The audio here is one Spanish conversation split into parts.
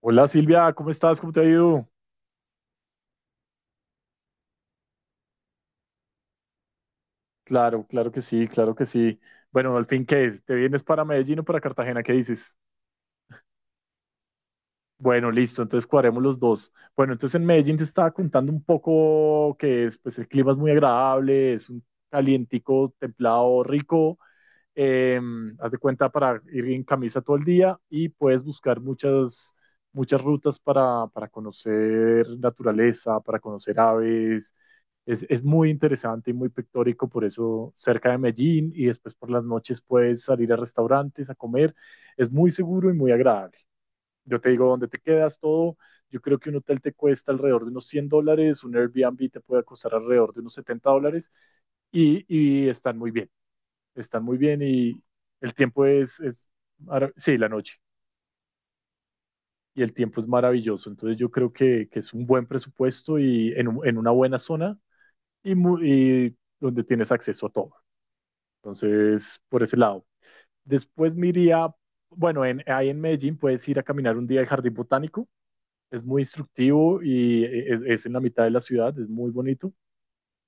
Hola Silvia, ¿cómo estás? ¿Cómo te ha ido? Claro, claro que sí, claro que sí. Bueno, al fin, ¿qué es? ¿Te vienes para Medellín o para Cartagena? ¿Qué dices? Bueno, listo, entonces cuadremos los dos. Bueno, entonces en Medellín te estaba contando un poco que es, pues el clima es muy agradable, es un calientico, templado, rico. Eh, Haz de cuenta para ir en camisa todo el día y puedes buscar muchas, muchas rutas para conocer naturaleza, para conocer aves. Es muy interesante y muy pictórico, por eso cerca de Medellín y después por las noches puedes salir a restaurantes a comer. Es muy seguro y muy agradable. Yo te digo dónde te quedas, todo. Yo creo que un hotel te cuesta alrededor de unos $100, un Airbnb te puede costar alrededor de unos $70 y están muy bien y el tiempo sí, la noche, y el tiempo es maravilloso. Entonces yo creo que es un buen presupuesto y en una buena zona y donde tienes acceso a todo. Entonces, por ese lado. Después me iría, bueno, ahí en Medellín puedes ir a caminar un día al Jardín Botánico. Es muy instructivo y es en la mitad de la ciudad, es muy bonito.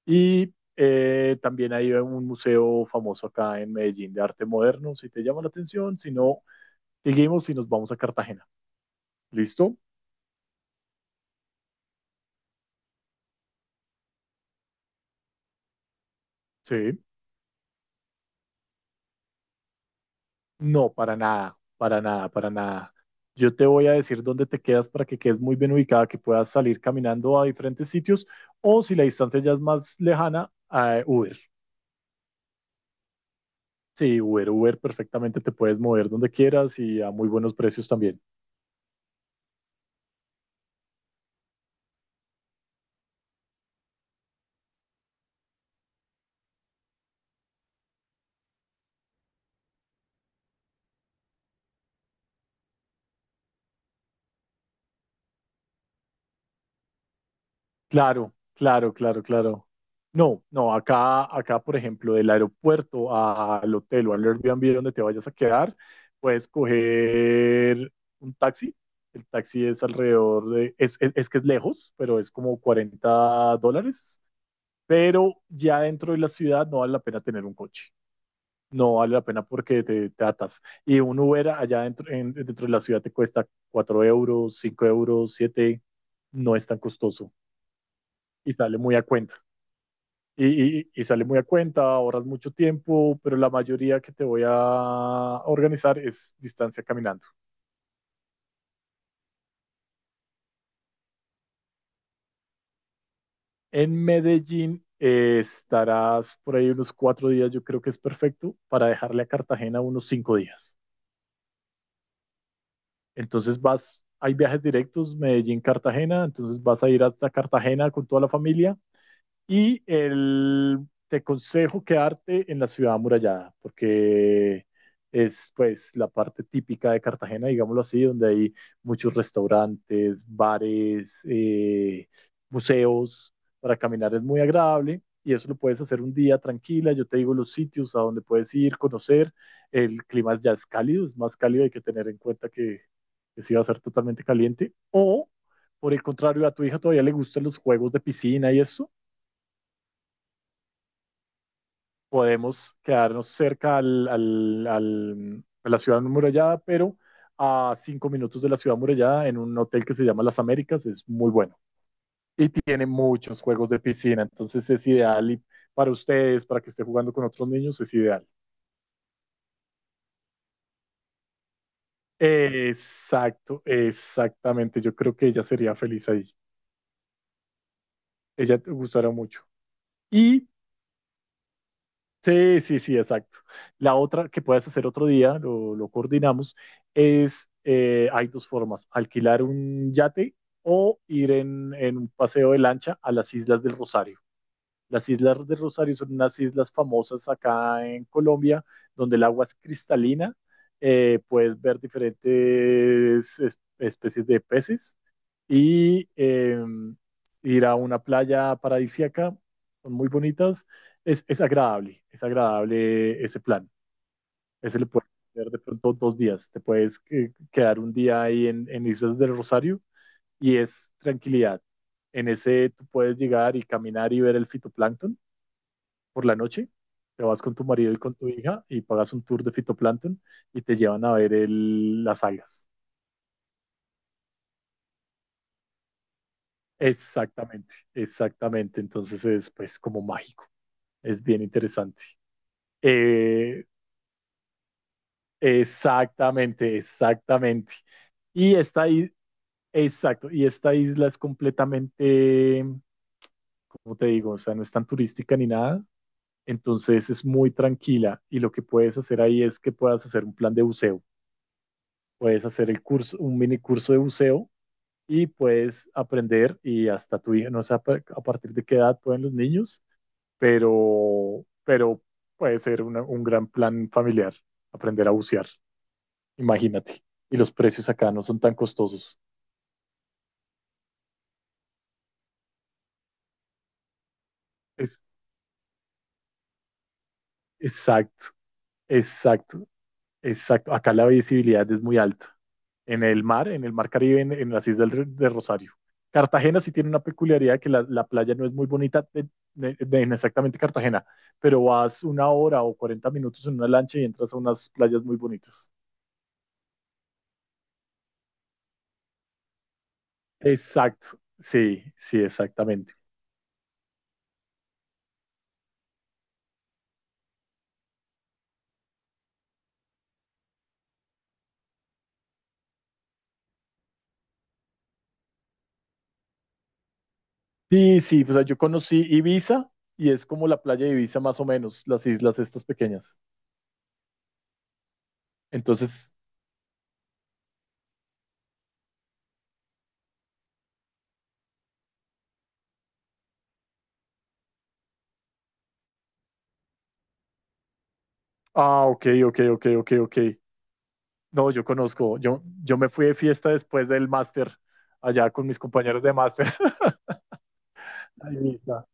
Y también hay un museo famoso acá en Medellín de arte moderno, si te llama la atención, si no, seguimos y nos vamos a Cartagena. ¿Listo? Sí. No, para nada, para nada, para nada. Yo te voy a decir dónde te quedas para que quedes muy bien ubicada, que puedas salir caminando a diferentes sitios o si la distancia ya es más lejana, a Uber. Sí, Uber, Uber, perfectamente te puedes mover donde quieras y a muy buenos precios también. Claro, claro, claro, claro. No, no, acá, acá, por ejemplo, del aeropuerto al hotel o al Airbnb donde te vayas a quedar, puedes coger un taxi. El taxi es alrededor de, es que es lejos, pero es como $40. Pero ya dentro de la ciudad no vale la pena tener un coche. No vale la pena porque te atas. Y un Uber allá dentro, dentro de la ciudad te cuesta 4 euros, 5 euros, 7. No es tan costoso y sale muy a cuenta y sale muy a cuenta, ahorras mucho tiempo, pero la mayoría que te voy a organizar es distancia caminando. En Medellín estarás por ahí unos 4 días, yo creo que es perfecto para dejarle a Cartagena unos 5 días. Entonces vas, hay viajes directos Medellín-Cartagena, entonces vas a ir hasta Cartagena con toda la familia. Te aconsejo quedarte en la ciudad amurallada, porque es pues la parte típica de Cartagena, digámoslo así, donde hay muchos restaurantes, bares, museos, para caminar es muy agradable y eso lo puedes hacer un día tranquila, yo te digo los sitios a donde puedes ir, conocer, el clima ya es cálido, es más cálido, hay que tener en cuenta que sí va a ser totalmente caliente, o por el contrario, a tu hija todavía le gustan los juegos de piscina y eso, podemos quedarnos cerca a la ciudad amurallada, pero a 5 minutos de la ciudad amurallada en un hotel que se llama Las Américas, es muy bueno. Y tiene muchos juegos de piscina, entonces es ideal y para ustedes, para que esté jugando con otros niños, es ideal. Exacto, exactamente. Yo creo que ella sería feliz ahí. Ella te gustará mucho. Y Sí, sí, sí, exacto. La otra que puedes hacer otro día, lo coordinamos, hay dos formas, alquilar un yate o ir en un paseo de lancha a las Islas del Rosario. Las islas de Rosario son unas islas famosas acá en Colombia, donde el agua es cristalina. Puedes ver diferentes especies de peces y ir a una playa paradisíaca. Son muy bonitas. Es agradable, es agradable ese plan. Ese lo puedes hacer de pronto 2 días. Te puedes quedar un día ahí en Islas del Rosario y es tranquilidad. En ese tú puedes llegar y caminar y ver el fitoplancton por la noche, te vas con tu marido y con tu hija y pagas un tour de fitoplancton y te llevan a ver las algas. Exactamente, exactamente. Entonces es pues como mágico, es bien interesante. Eh, Exactamente, exactamente. Y esta, i- exacto, y esta isla es completamente, ¿cómo te digo? O sea, no es tan turística ni nada. Entonces es muy tranquila y lo que puedes hacer ahí es que puedas hacer un plan de buceo. Puedes hacer el curso, un mini curso de buceo y puedes aprender y hasta tu hija, no sé a partir de qué edad pueden los niños, pero puede ser un gran plan familiar, aprender a bucear, imagínate. Y los precios acá no son tan costosos. Es, exacto, exacto, exacto. Acá la visibilidad es muy alta, en el mar, Caribe, en las islas de Rosario. Cartagena sí tiene una peculiaridad que la playa no es muy bonita en exactamente Cartagena, pero vas una hora o 40 minutos en una lancha y entras a unas playas muy bonitas. Exacto, sí, sí, exactamente. Sí, sí, pues, o sea, yo conocí Ibiza y es como la playa de Ibiza más o menos, las islas estas pequeñas. Entonces, ah, ok, ok, ok, ok, ok. No, yo conozco, yo me fui de fiesta después del máster, allá con mis compañeros de máster. Ay, Ibiza.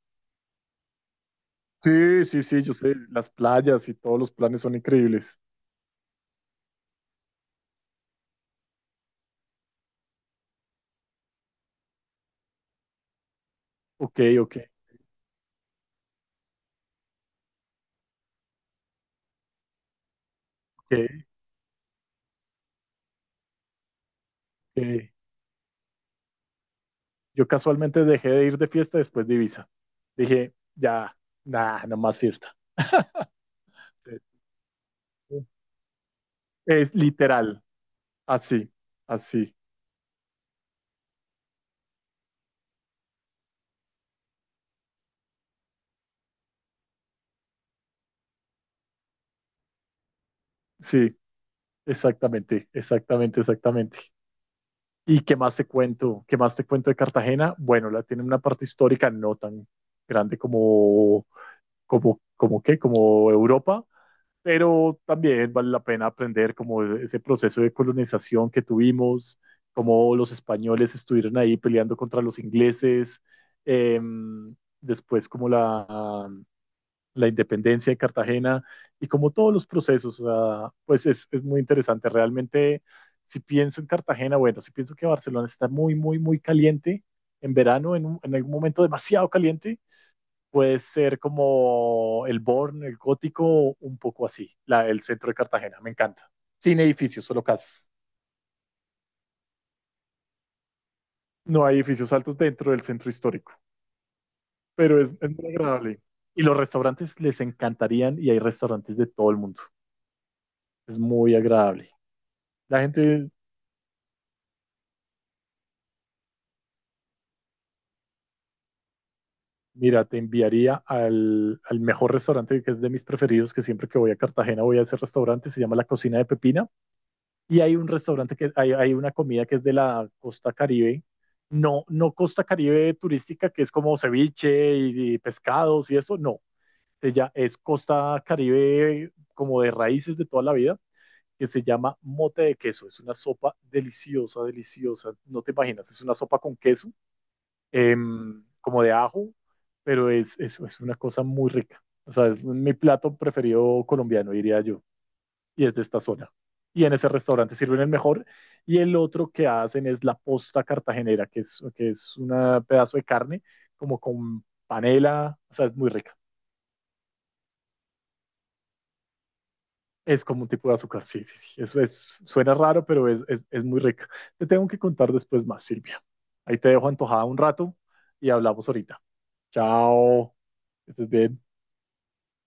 Sí, sí, sí, yo sé, las playas y todos los planes son increíbles. Ok, ok, ok, ok. Yo casualmente dejé de ir de fiesta después de Ibiza. Dije, ya, nada, no más fiesta. Es literal, así, así, sí, exactamente, exactamente, exactamente. ¿Y qué más te cuento? ¿Qué más te cuento de Cartagena? Bueno, la tiene una parte histórica no tan grande como, como qué, como Europa, pero también vale la pena aprender como ese proceso de colonización que tuvimos, cómo los españoles estuvieron ahí peleando contra los ingleses, eh, después como la independencia de Cartagena y como todos los procesos, o sea, pues es muy interesante. Realmente, si pienso en Cartagena, bueno, si pienso que Barcelona está muy, muy, muy caliente en verano, en algún momento demasiado caliente puede ser como el Born, el gótico, un poco así, el centro de Cartagena, me encanta. Sin edificios, solo casas. No hay edificios altos dentro del centro histórico, pero es muy agradable. Y los restaurantes les encantarían y hay restaurantes de todo el mundo. Es muy agradable. La gente, Mira, te enviaría al mejor restaurante que es de mis preferidos, que siempre que voy a Cartagena voy a ese restaurante, se llama La Cocina de Pepina y hay un restaurante que hay una comida que es de la costa Caribe, no, no costa Caribe turística, que es como ceviche y pescados y eso, no, se ya es costa Caribe como de raíces de toda la vida, que se llama mote de queso, es una sopa deliciosa, deliciosa, no te imaginas, es una sopa con queso, como de ajo, pero es una cosa muy rica, o sea, es mi plato preferido colombiano, diría yo y es de esta zona. Y en ese restaurante sirven el mejor. Y el otro que hacen es la posta cartagenera, que es un pedazo de carne como con panela, o sea, es muy rica. Es como un tipo de azúcar, sí, sí, sí. Eso es, suena raro, pero es muy rica. Te tengo que contar después más, Silvia. Ahí te dejo antojada un rato y hablamos ahorita. Chao. Que estés bien.